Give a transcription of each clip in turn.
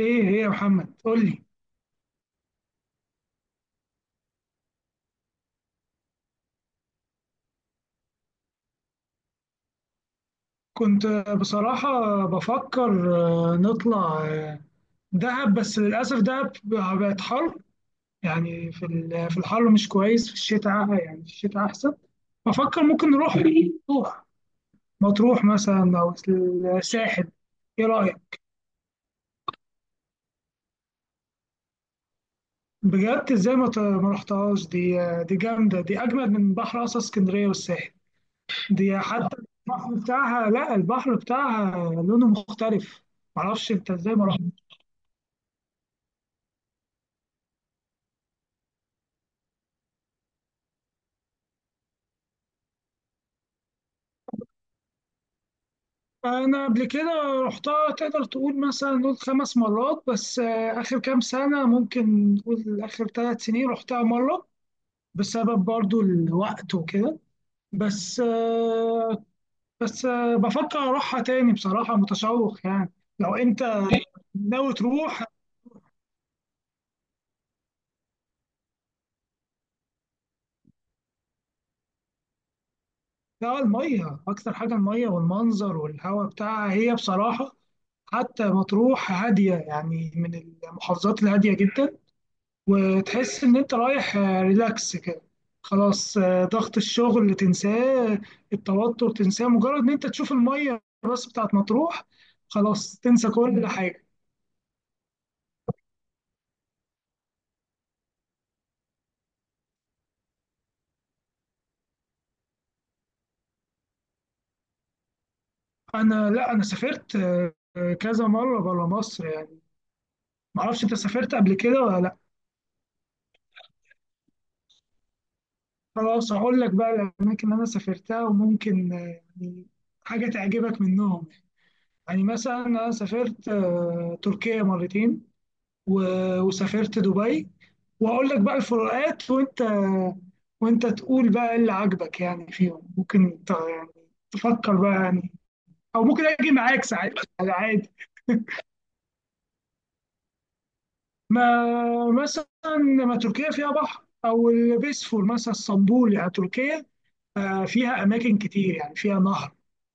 ايه هي يا محمد قول لي. كنت بصراحة بفكر نطلع دهب، بس للأسف دهب بقت حر. يعني في الحر مش كويس، في الشتاء يعني في الشتاء أحسن. بفكر ممكن نروح مطروح مثلا أو الساحل. ايه رأيك؟ بجد ازاي ما رحتهاش؟ دي جامدة، دي أجمد من بحر أصلا اسكندرية والساحل. دي حتى البحر بتاعها، لا البحر بتاعها لونه مختلف. معرفش انت ازاي ما رحت. انا قبل كده رحتها، تقدر تقول مثلا نقول خمس مرات، بس اخر كام سنه ممكن نقول اخر ثلاث سنين رحتها مره، بسبب برضو الوقت وكده. بس آه، بس بفكر اروحها تاني، بصراحه متشوق يعني لو انت ناوي تروح. لا، الميه اكتر حاجه، الميه والمنظر والهواء بتاعها هي بصراحه. حتى مطروح هاديه يعني من المحافظات الهاديه جدا. وتحس إن أنت رايح ريلاكس كده، خلاص ضغط الشغل اللي تنساه، التوتر تنساه، مجرد إن أنت تشوف المية الراس بتاعت مطروح خلاص تنسى كل حاجة. أنا لا، أنا سافرت كذا مرة بره مصر يعني. معرفش أنت سافرت قبل كده ولا لأ. خلاص هقول لك بقى الأماكن اللي أنا سافرتها وممكن يعني حاجة تعجبك منهم. يعني مثلا أنا سافرت تركيا مرتين، و- وسافرت دبي، واقول لك بقى الفروقات، وانت تقول بقى إيه اللي عاجبك يعني فيهم، ممكن يعني تفكر بقى يعني، او ممكن اجي معاك ساعات على عادي. ما مثلا ما تركيا فيها بحر، او البيسفور مثلا اسطنبول. يعني تركيا فيها أماكن كتير، يعني فيها نهر،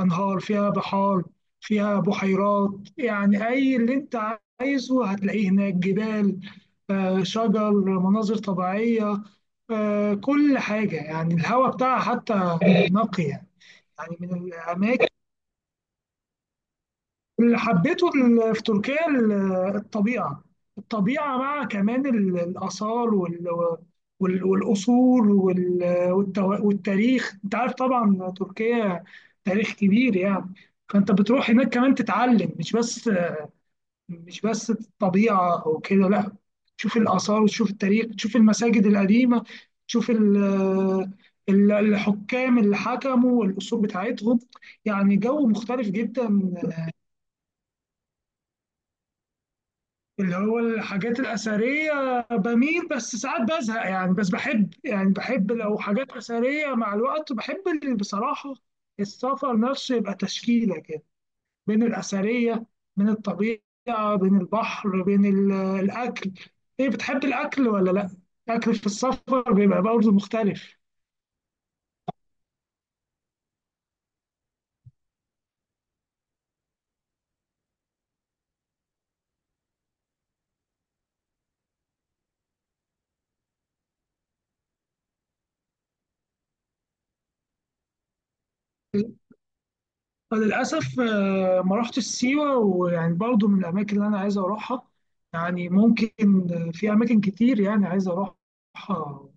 أنهار، فيها بحار، فيها بحيرات. يعني أي اللي أنت عايزه هتلاقيه هناك، جبال، شجر، مناظر طبيعية، كل حاجة. يعني الهواء بتاعها حتى نقي يعني. يعني من الأماكن اللي حبيته في تركيا، الطبيعة الطبيعة مع كمان الآثار والأصول والتاريخ. أنت عارف طبعا تركيا تاريخ كبير يعني، فأنت بتروح هناك كمان تتعلم، مش بس الطبيعة أو كده، لا، تشوف الآثار وتشوف التاريخ، تشوف المساجد القديمة، تشوف الحكام اللي حكموا والأصول بتاعتهم، يعني جو مختلف جدا. اللي هو الحاجات الأثرية بميل، بس ساعات بزهق يعني، بس بحب يعني بحب لو حاجات أثرية، مع الوقت بحب اللي بصراحة السفر نفسه يبقى تشكيلة كده، بين الأثرية، بين الطبيعة، بين البحر، بين الأكل. إيه، بتحب الأكل ولا لأ؟ الأكل في السفر بيبقى برضه مختلف. فللأسف ما رحتش سيوة، ويعني برضو من الأماكن اللي أنا عايز أروحها، يعني ممكن في أماكن كتير يعني عايز أروحها.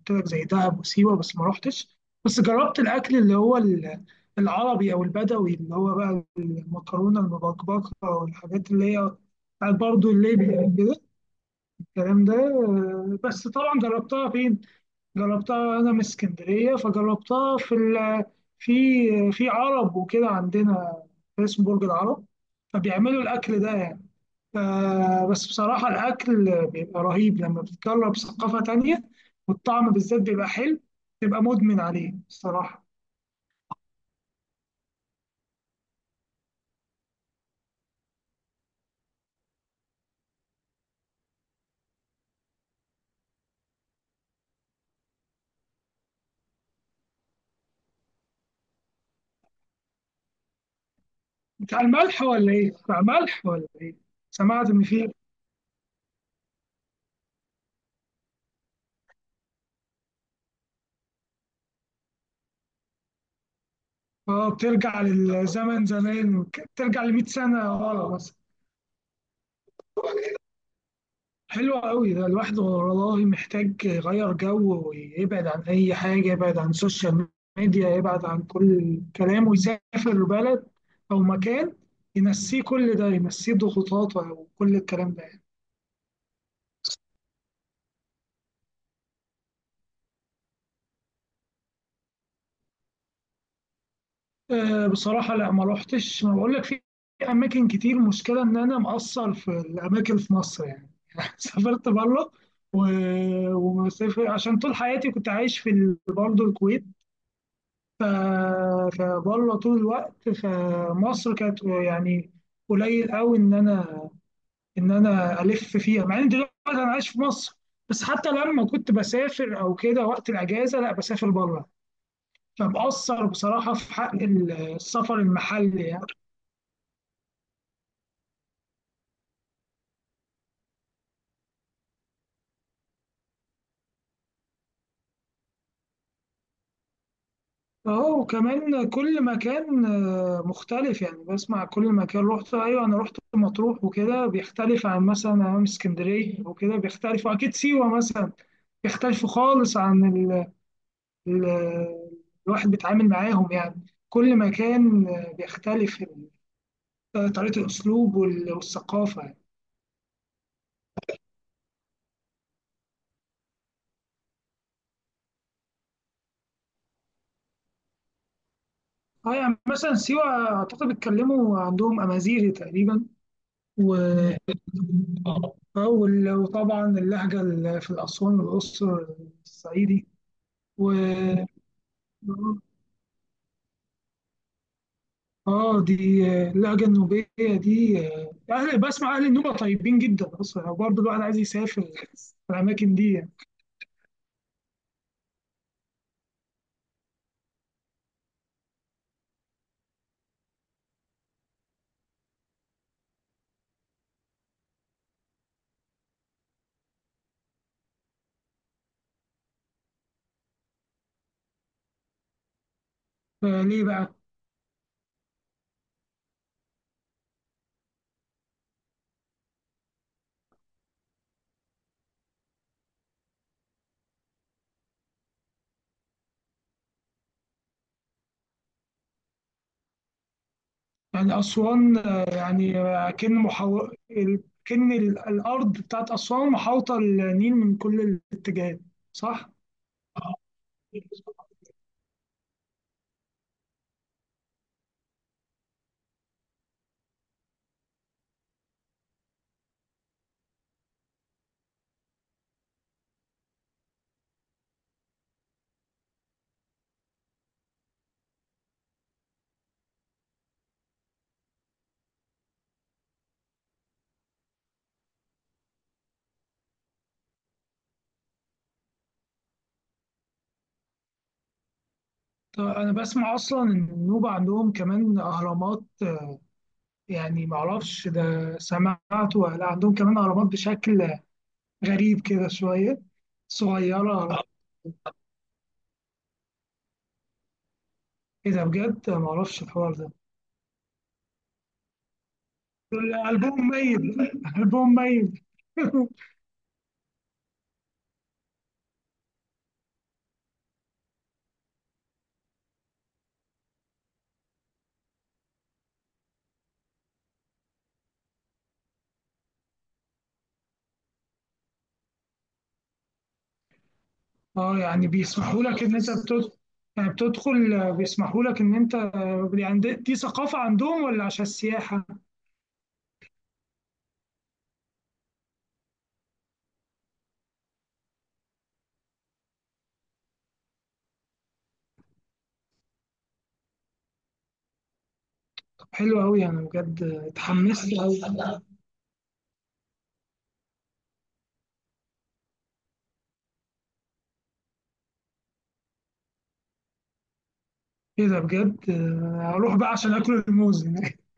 قلت لك زي دهب وسيوة، بس ما رحتش. بس جربت الأكل اللي هو العربي أو البدوي، اللي هو بقى المكرونة المبكبكة والحاجات اللي هي بتاعت برضو الليبي كده، الكلام ده. بس طبعا جربتها فين؟ جربتها انا من اسكندريه، فجربتها في عرب وكده عندنا، اسمه برج العرب، فبيعملوا الاكل ده يعني. بس بصراحه الاكل بيبقى رهيب لما بتجرب ثقافه تانية، والطعم بالذات بيبقى حلو، تبقى مدمن عليه الصراحه. بتاع الملح ولا ايه؟ بتاع ملح ولا ايه؟ سمعت ان في. اه، بترجع للزمن زمان، بترجع ل 100 سنه ورا مثلا. حلو قوي ده، الواحد والله محتاج يغير جو، ويبعد عن أي حاجة، يبعد عن السوشيال ميديا، يبعد عن كل الكلام، ويسافر بلد أو مكان ينسيه كل ده، ينسيه ضغوطاته وكل الكلام ده يعني. أه بصراحة لا، ما روحتش. ما بقول لك في أماكن كتير، مشكلة إن أنا مقصر في الأماكن في مصر يعني. سافرت بره، و- ومسافر عشان طول حياتي كنت عايش برضه الكويت، ف- فبره طول الوقت، فمصر كانت يعني قليل قوي ان انا الف فيها، مع ان دلوقتي انا عايش في مصر، بس حتى لما كنت بسافر او كده وقت الاجازه لا بسافر بره، فمقصر بصراحه في حق السفر المحلي يعني. اهو، وكمان كل مكان مختلف يعني، بسمع كل مكان رحت ايوه، انا رحت مطروح وكده بيختلف عن مثلا أيام اسكندريه وكده بيختلف، واكيد سيوه مثلا بيختلفوا خالص عن ال- الواحد بيتعامل معاهم، يعني كل مكان بيختلف طريقة الأسلوب والثقافة يعني. اه يعني مثلا سيوة أعتقد بيتكلموا عندهم أمازيغي تقريبا. و... اه وطبعا اللهجة في الأسوان والأقصر، الصعيدي. و اه دي اللهجة النوبية دي، أهل بسمع أهل النوبة طيبين جدا أصلا، وبرضه الواحد عايز يسافر الأماكن دي يعني. فليه بقى؟ يعني أسوان يعني كأن محو... ال- كأن ال- الأرض بتاعت أسوان محاوطة النيل من كل الاتجاهات. صح؟ طب أنا بسمع أصلا إن النوبة عندهم كمان أهرامات، يعني معرفش ده سمعت ولا لأ، عندهم كمان أهرامات بشكل غريب كده شوية صغيرة. إيه ده بجد؟ معرفش الحوار ده، الألبوم ميت ألبوم ميت اه يعني بيسمحوا لك ان انت بتدخل؟ يعني بتدخل بيسمحوا لك ان انت، يعني دي ثقافة عندهم ولا عشان السياحة؟ طب حلو قوي، انا بجد اتحمست قوي. ايه ده بجد؟ هروح بقى عشان اكل الموز هناك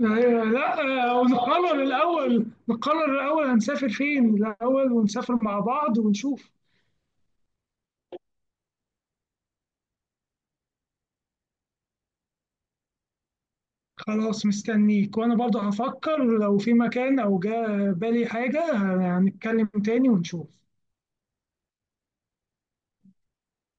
أيوة، لا، نقرر الاول هنسافر فين الاول، ونسافر مع بعض ونشوف. خلاص مستنيك، وانا برضه هفكر لو في مكان او جا بالي حاجة، هنتكلم تاني ونشوف.